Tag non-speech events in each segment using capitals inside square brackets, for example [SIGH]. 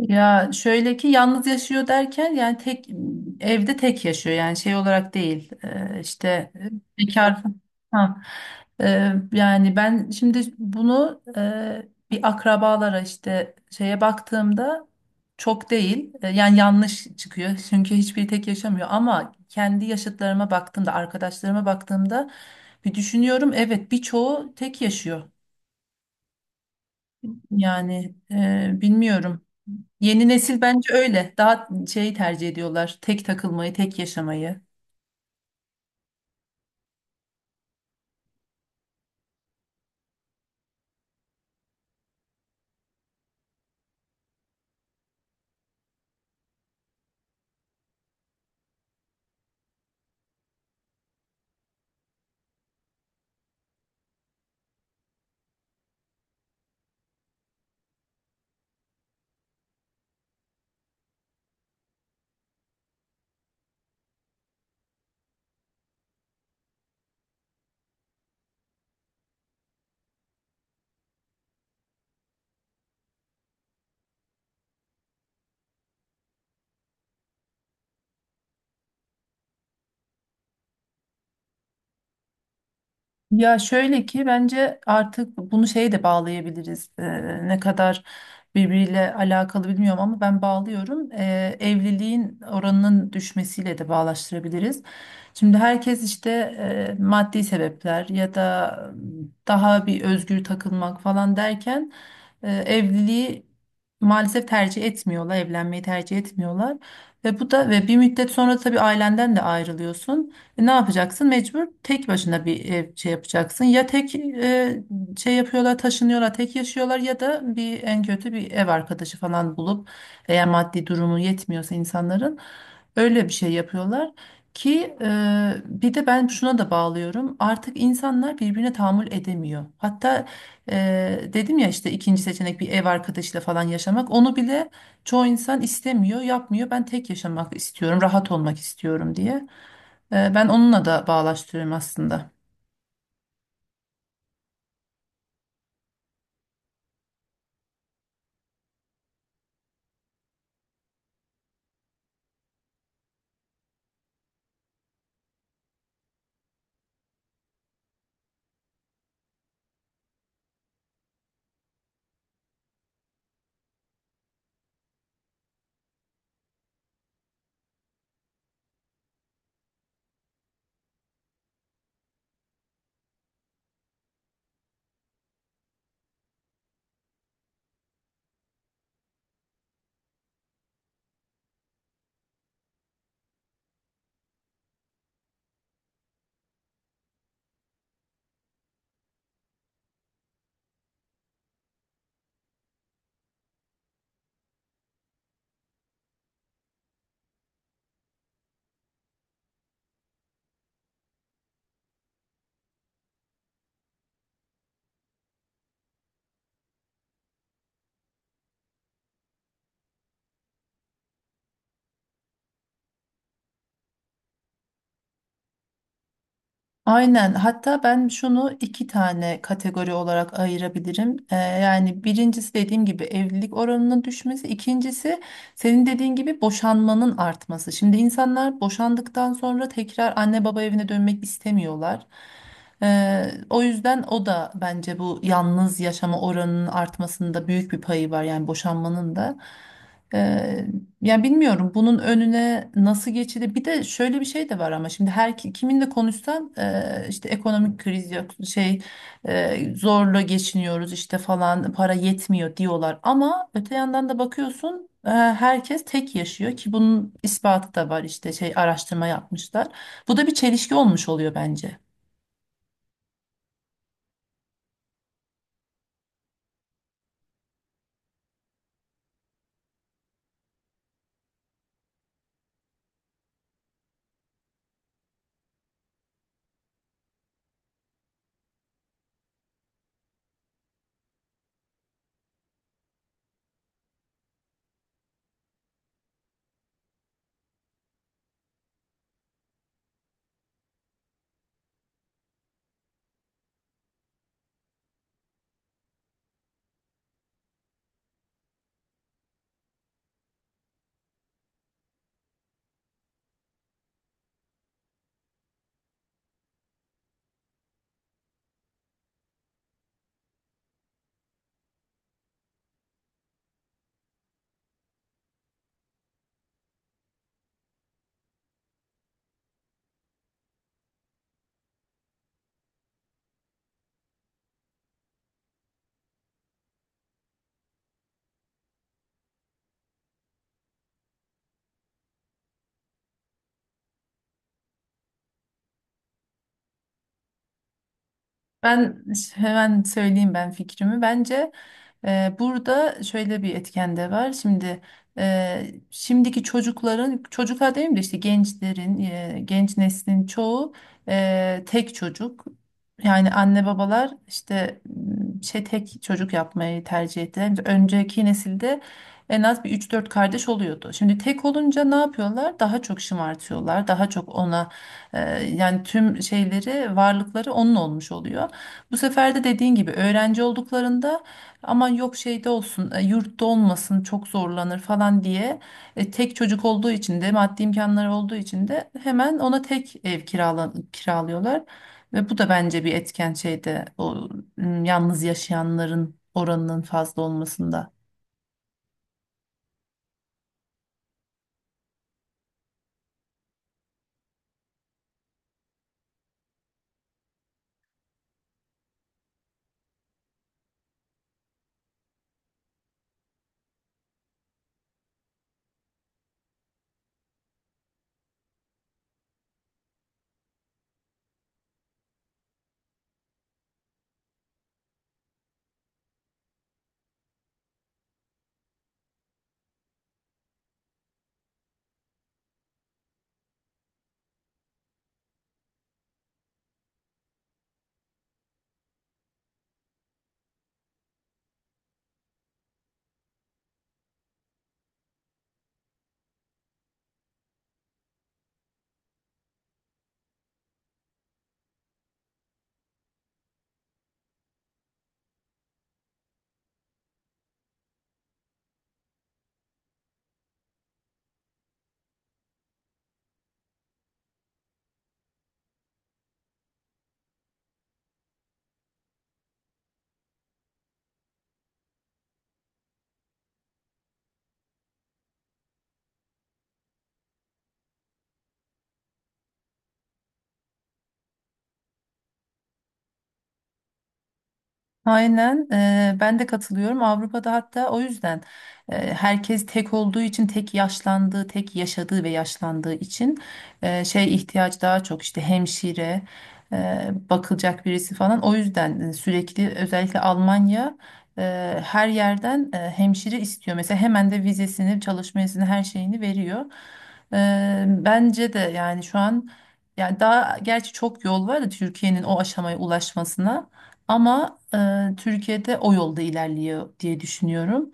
Ya şöyle ki yalnız yaşıyor derken yani tek evde tek yaşıyor, yani şey olarak değil. Bekar ha. Yani ben şimdi bunu bir akrabalara, işte şeye baktığımda çok değil, yani yanlış çıkıyor [LAUGHS] çünkü hiçbiri tek yaşamıyor, ama kendi yaşıtlarıma baktığımda, arkadaşlarıma baktığımda bir düşünüyorum, evet, birçoğu tek yaşıyor, yani bilmiyorum. Yeni nesil bence öyle. Daha şey tercih ediyorlar. Tek takılmayı, tek yaşamayı. Ya şöyle ki bence artık bunu şeye de bağlayabiliriz. Ne kadar birbiriyle alakalı bilmiyorum ama ben bağlıyorum. Evliliğin oranının düşmesiyle de bağlaştırabiliriz. Şimdi herkes işte maddi sebepler ya da daha bir özgür takılmak falan derken evliliği maalesef tercih etmiyorlar, evlenmeyi tercih etmiyorlar. Ve bu da ve bir müddet sonra tabii ailenden de ayrılıyorsun. Ne yapacaksın? Mecbur tek başına bir ev şey yapacaksın. Ya tek şey yapıyorlar, taşınıyorlar, tek yaşıyorlar ya da bir en kötü bir ev arkadaşı falan bulup, eğer maddi durumu yetmiyorsa insanların, öyle bir şey yapıyorlar ki bir de ben şuna da bağlıyorum. Artık insanlar birbirine tahammül edemiyor. Hatta dedim ya, işte ikinci seçenek bir ev arkadaşıyla falan yaşamak. Onu bile çoğu insan istemiyor, yapmıyor. Ben tek yaşamak istiyorum, rahat olmak istiyorum diye. Ben onunla da bağlaştırıyorum aslında. Aynen. Hatta ben şunu iki tane kategori olarak ayırabilirim. Yani birincisi dediğim gibi evlilik oranının düşmesi, ikincisi senin dediğin gibi boşanmanın artması. Şimdi insanlar boşandıktan sonra tekrar anne baba evine dönmek istemiyorlar. O yüzden o da bence bu yalnız yaşama oranının artmasında büyük bir payı var, yani boşanmanın da. Ee, Ya bilmiyorum bunun önüne nasıl geçilir. Bir de şöyle bir şey de var ama, şimdi her kiminle konuşsan işte ekonomik kriz, yok şey zorla geçiniyoruz işte falan, para yetmiyor diyorlar. Ama öte yandan da bakıyorsun herkes tek yaşıyor, ki bunun ispatı da var, işte şey araştırma yapmışlar. Bu da bir çelişki olmuş oluyor bence. Ben hemen söyleyeyim ben fikrimi. Bence burada şöyle bir etken de var. Şimdi şimdiki çocukların, çocuklar değil de işte gençlerin, genç neslin çoğu tek çocuk. Yani anne babalar işte şey tek çocuk yapmayı tercih ettiler. Önceki nesilde en az bir üç dört kardeş oluyordu. Şimdi tek olunca ne yapıyorlar? Daha çok şımartıyorlar, daha çok ona yani tüm şeyleri, varlıkları onun olmuş oluyor. Bu sefer de dediğin gibi öğrenci olduklarında aman yok şeyde olsun, yurtta olmasın, çok zorlanır falan diye tek çocuk olduğu için de maddi imkanları olduğu için de hemen ona tek ev kirala, kiralıyorlar. Ve bu da bence bir etken şeyde, o yalnız yaşayanların oranının fazla olmasında. Aynen, ben de katılıyorum. Avrupa'da hatta o yüzden herkes tek olduğu için, tek yaşlandığı, tek yaşadığı ve yaşlandığı için şey ihtiyaç daha çok, işte hemşire bakılacak birisi falan, o yüzden sürekli özellikle Almanya her yerden hemşire istiyor mesela, hemen de vizesini, çalışma izni, her şeyini veriyor. Bence de yani şu an, yani daha gerçi çok yol var da Türkiye'nin o aşamaya ulaşmasına. Ama Türkiye'de o yolda ilerliyor diye düşünüyorum.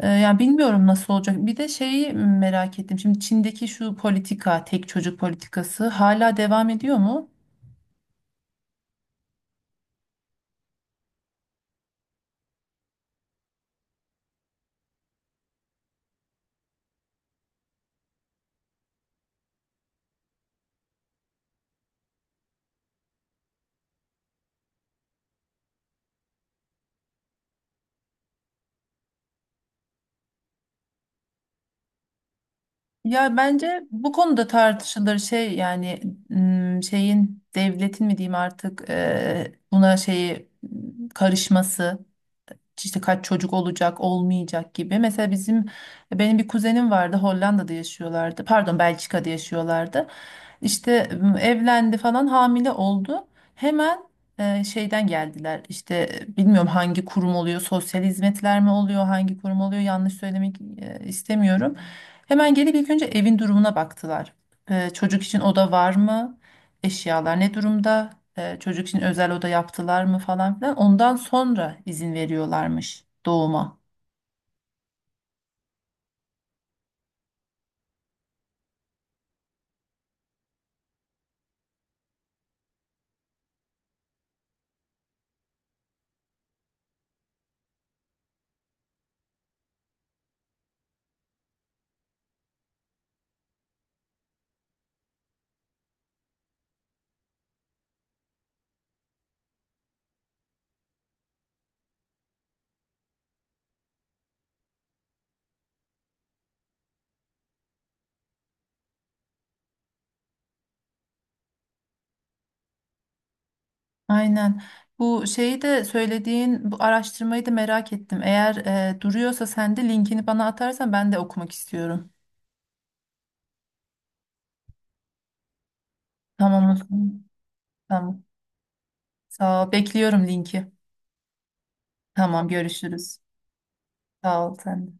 Yani bilmiyorum nasıl olacak. Bir de şeyi merak ettim. Şimdi Çin'deki şu politika, tek çocuk politikası hala devam ediyor mu? Ya bence bu konuda tartışılır şey yani, şeyin, devletin mi diyeyim artık, buna şeyi karışması. İşte kaç çocuk olacak, olmayacak gibi. Mesela benim bir kuzenim vardı, Hollanda'da yaşıyorlardı. Pardon, Belçika'da yaşıyorlardı. İşte evlendi falan, hamile oldu. Hemen şeyden geldiler. İşte bilmiyorum hangi kurum oluyor, sosyal hizmetler mi oluyor, hangi kurum oluyor, yanlış söylemek istemiyorum. Hemen gelip ilk önce evin durumuna baktılar. Çocuk için oda var mı, eşyalar ne durumda, çocuk için özel oda yaptılar mı falan filan. Ondan sonra izin veriyorlarmış doğuma. Aynen. Bu şeyi de, söylediğin bu araştırmayı da merak ettim. Eğer duruyorsa sen de linkini bana atarsan, ben de okumak istiyorum. Tamam o zaman. Tamam. Sağ ol. Bekliyorum linki. Tamam, görüşürüz. Sağ ol sen de.